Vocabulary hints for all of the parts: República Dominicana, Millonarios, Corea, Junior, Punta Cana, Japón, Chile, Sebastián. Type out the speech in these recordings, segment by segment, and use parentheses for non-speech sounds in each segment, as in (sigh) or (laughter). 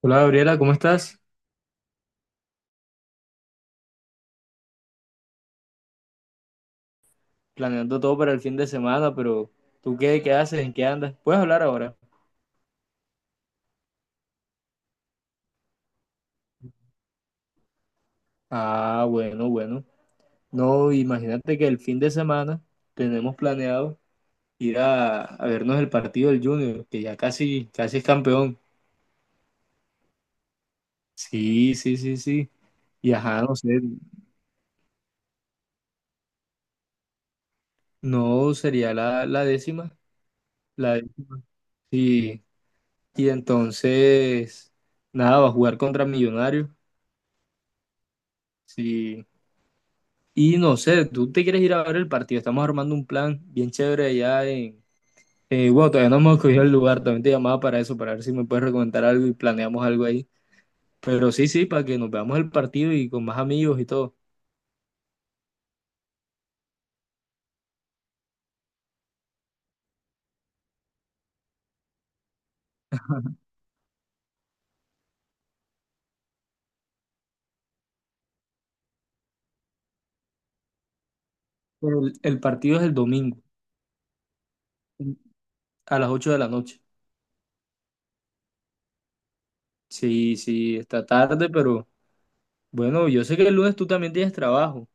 Hola Gabriela, ¿cómo estás? Planeando todo para el fin de semana, pero ¿tú qué haces? ¿En qué andas? ¿Puedes hablar ahora? Ah, bueno, bueno. No, imagínate que el fin de semana tenemos planeado ir a vernos el partido del Junior, que ya casi, casi es campeón. Sí, sí, sí, sí. Y ajá, no sé, no sería la décima, la décima. Sí. Y entonces, nada, va a jugar contra Millonarios. Sí. Y no sé, tú te quieres ir a ver el partido. Estamos armando un plan bien chévere allá en. Bueno, todavía no hemos cogido el lugar. También te llamaba para eso, para ver si me puedes recomendar algo y planeamos algo ahí. Pero sí, sí, para que nos veamos el partido y con más amigos y todo. Pero el partido es el domingo, a las 8 de la noche. Sí, sí, está tarde, pero bueno, yo sé que el lunes tú también tienes trabajo.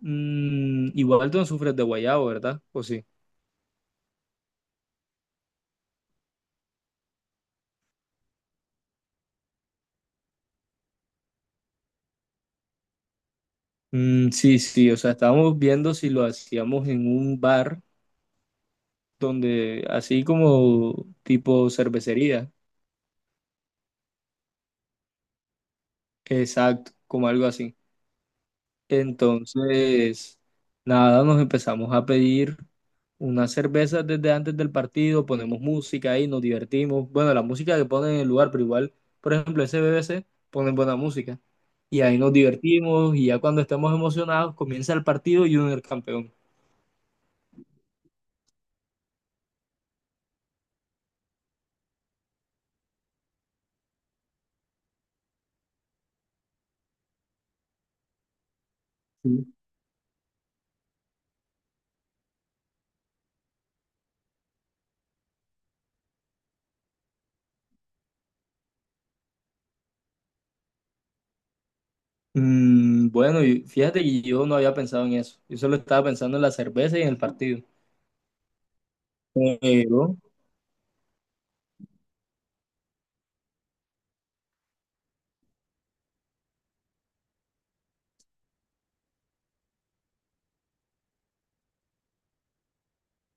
Igual tú no sufres de guayabo, ¿verdad? ¿O sí? Mm, sí, sí, o sea, estábamos viendo si lo hacíamos en un bar donde así como tipo cervecería, exacto, como algo así. Entonces, nada, nos empezamos a pedir unas cervezas desde antes del partido, ponemos música ahí, nos divertimos. Bueno, la música que ponen en el lugar, pero igual, por ejemplo, ese BBC ponen buena música. Y ahí nos divertimos y ya cuando estemos emocionados comienza el partido y uno es el campeón. Sí. Mm, bueno, y fíjate que yo no había pensado en eso. Yo solo estaba pensando en la cerveza y en el partido. Pero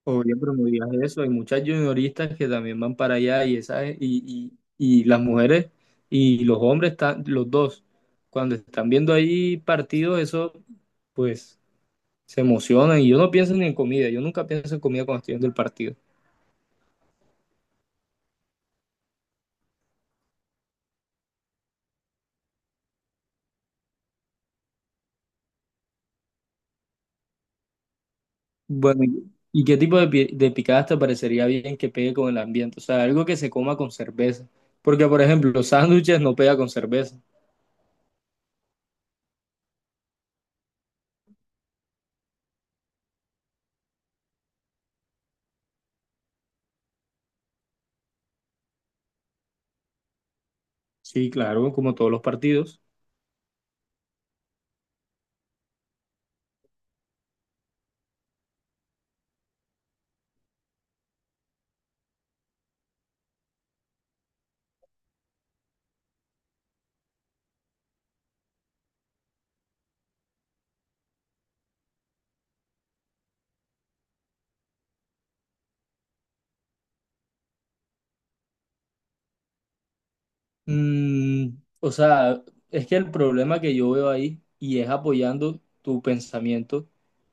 obvio promovías eso. Hay muchas junioristas que también van para allá y las mujeres y los hombres, están, los dos, cuando están viendo ahí partidos, eso pues se emocionan. Y yo no pienso ni en comida, yo nunca pienso en comida cuando estoy viendo el partido. Bueno, ¿y qué tipo de picadas te parecería bien que pegue con el ambiente? O sea, algo que se coma con cerveza. Porque, por ejemplo, los sándwiches no pega con cerveza. Sí, claro, como todos los partidos. Mm, o sea, es que el problema que yo veo ahí, y es apoyando tu pensamiento,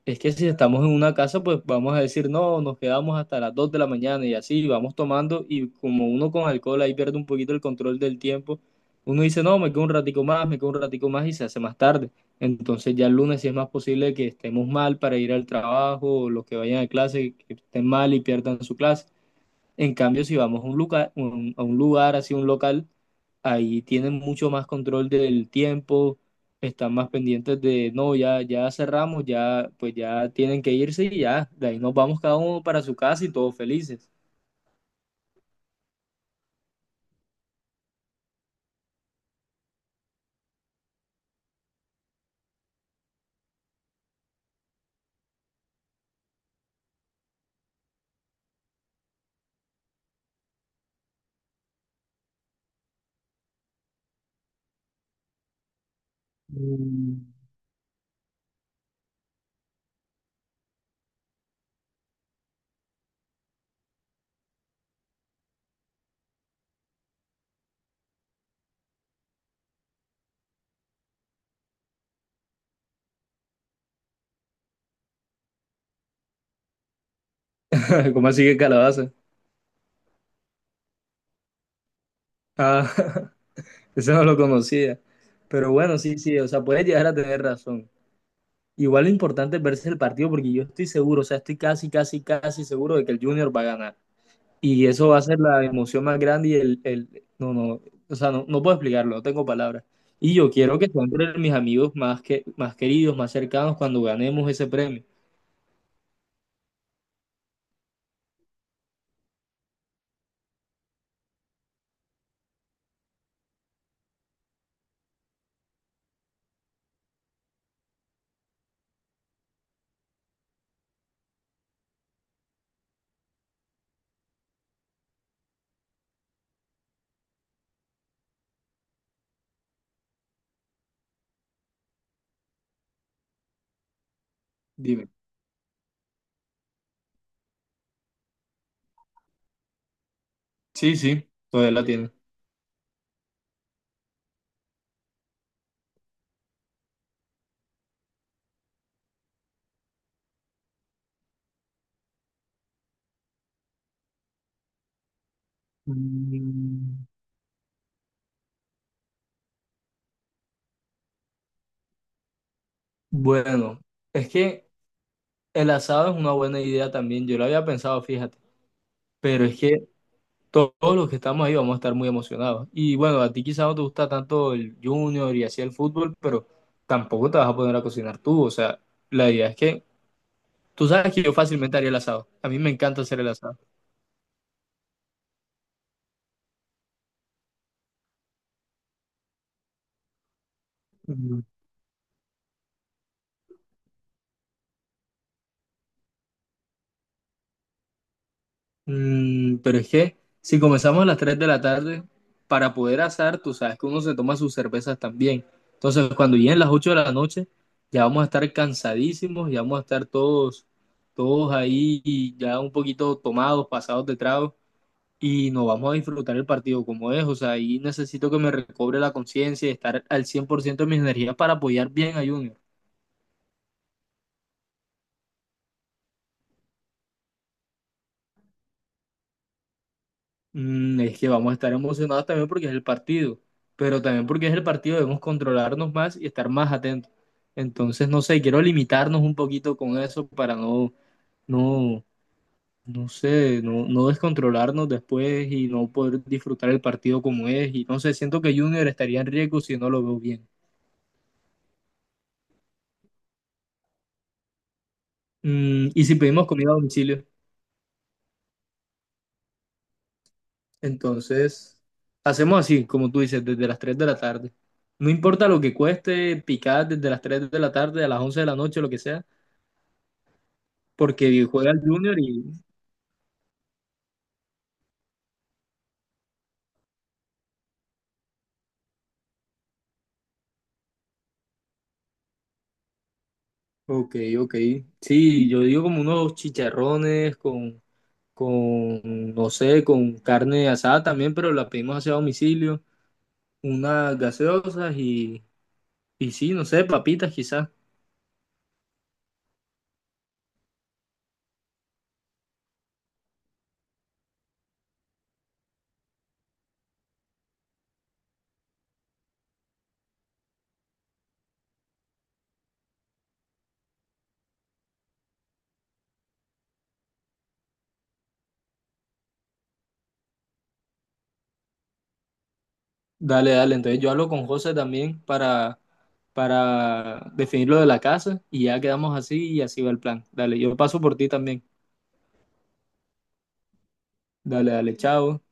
es que si estamos en una casa, pues vamos a decir, no, nos quedamos hasta las 2 de la mañana y así, vamos tomando y como uno con alcohol ahí pierde un poquito el control del tiempo, uno dice, no, me quedo un ratico más, me quedo un ratico más y se hace más tarde. Entonces ya el lunes sí es más posible que estemos mal para ir al trabajo, o los que vayan a clase, que estén mal y pierdan su clase. En cambio, si vamos a un lugar, a un lugar, así un local, ahí tienen mucho más control del tiempo, están más pendientes de, no, ya, ya cerramos, ya, pues ya tienen que irse y ya, de ahí nos vamos cada uno para su casa y todos felices. Mm. (laughs) ¿Cómo así que calabaza? Ah, (laughs) eso no lo conocía. Pero bueno, sí, sí, o sea, puedes llegar a tener razón. Igual lo importante es verse el partido porque yo estoy seguro, o sea, estoy casi, casi, casi seguro de que el Junior va a ganar. Y eso va a ser la emoción más grande y el no, no, o sea, no, no puedo explicarlo, no tengo palabras. Y yo quiero que sean entre mis amigos más, que, más queridos, más cercanos cuando ganemos ese premio. Dime. Sí, sí, todavía la tiene. Mm, bueno, es que el asado es una buena idea también. Yo lo había pensado, fíjate. Pero es que todos los que estamos ahí vamos a estar muy emocionados. Y bueno, a ti quizás no te gusta tanto el junior y así el fútbol, pero tampoco te vas a poner a cocinar tú. O sea, la idea es que tú sabes que yo fácilmente haría el asado. A mí me encanta hacer el asado. Mm. Pero es que si comenzamos a las 3 de la tarde, para poder asar, tú sabes que uno se toma sus cervezas también. Entonces, cuando lleguen las 8 de la noche, ya vamos a estar cansadísimos, ya vamos a estar todos, todos ahí y ya un poquito tomados, pasados de trago, y nos vamos a disfrutar el partido como es. O sea, ahí necesito que me recobre la conciencia y estar al 100% de mis energías para apoyar bien a Junior. Es que vamos a estar emocionados también porque es el partido, pero también porque es el partido debemos controlarnos más y estar más atentos. Entonces, no sé, quiero limitarnos un poquito con eso para no, no, no sé, no, no descontrolarnos después y no poder disfrutar el partido como es. Y no sé, siento que Junior estaría en riesgo si no lo veo bien. Y si pedimos comida a domicilio, entonces hacemos así, como tú dices, desde las 3 de la tarde. No importa lo que cueste, picar desde las 3 de la tarde a las 11 de la noche, lo que sea. Porque juega el Junior y... Ok, ok. Sí, yo digo como unos chicharrones con, no sé, con carne asada también, pero la pedimos hacia domicilio. Unas gaseosas y sí, no sé, papitas quizás. Dale, dale. Entonces yo hablo con José también para definir lo de la casa y ya quedamos así y así va el plan. Dale, yo paso por ti también. Dale, dale, chao.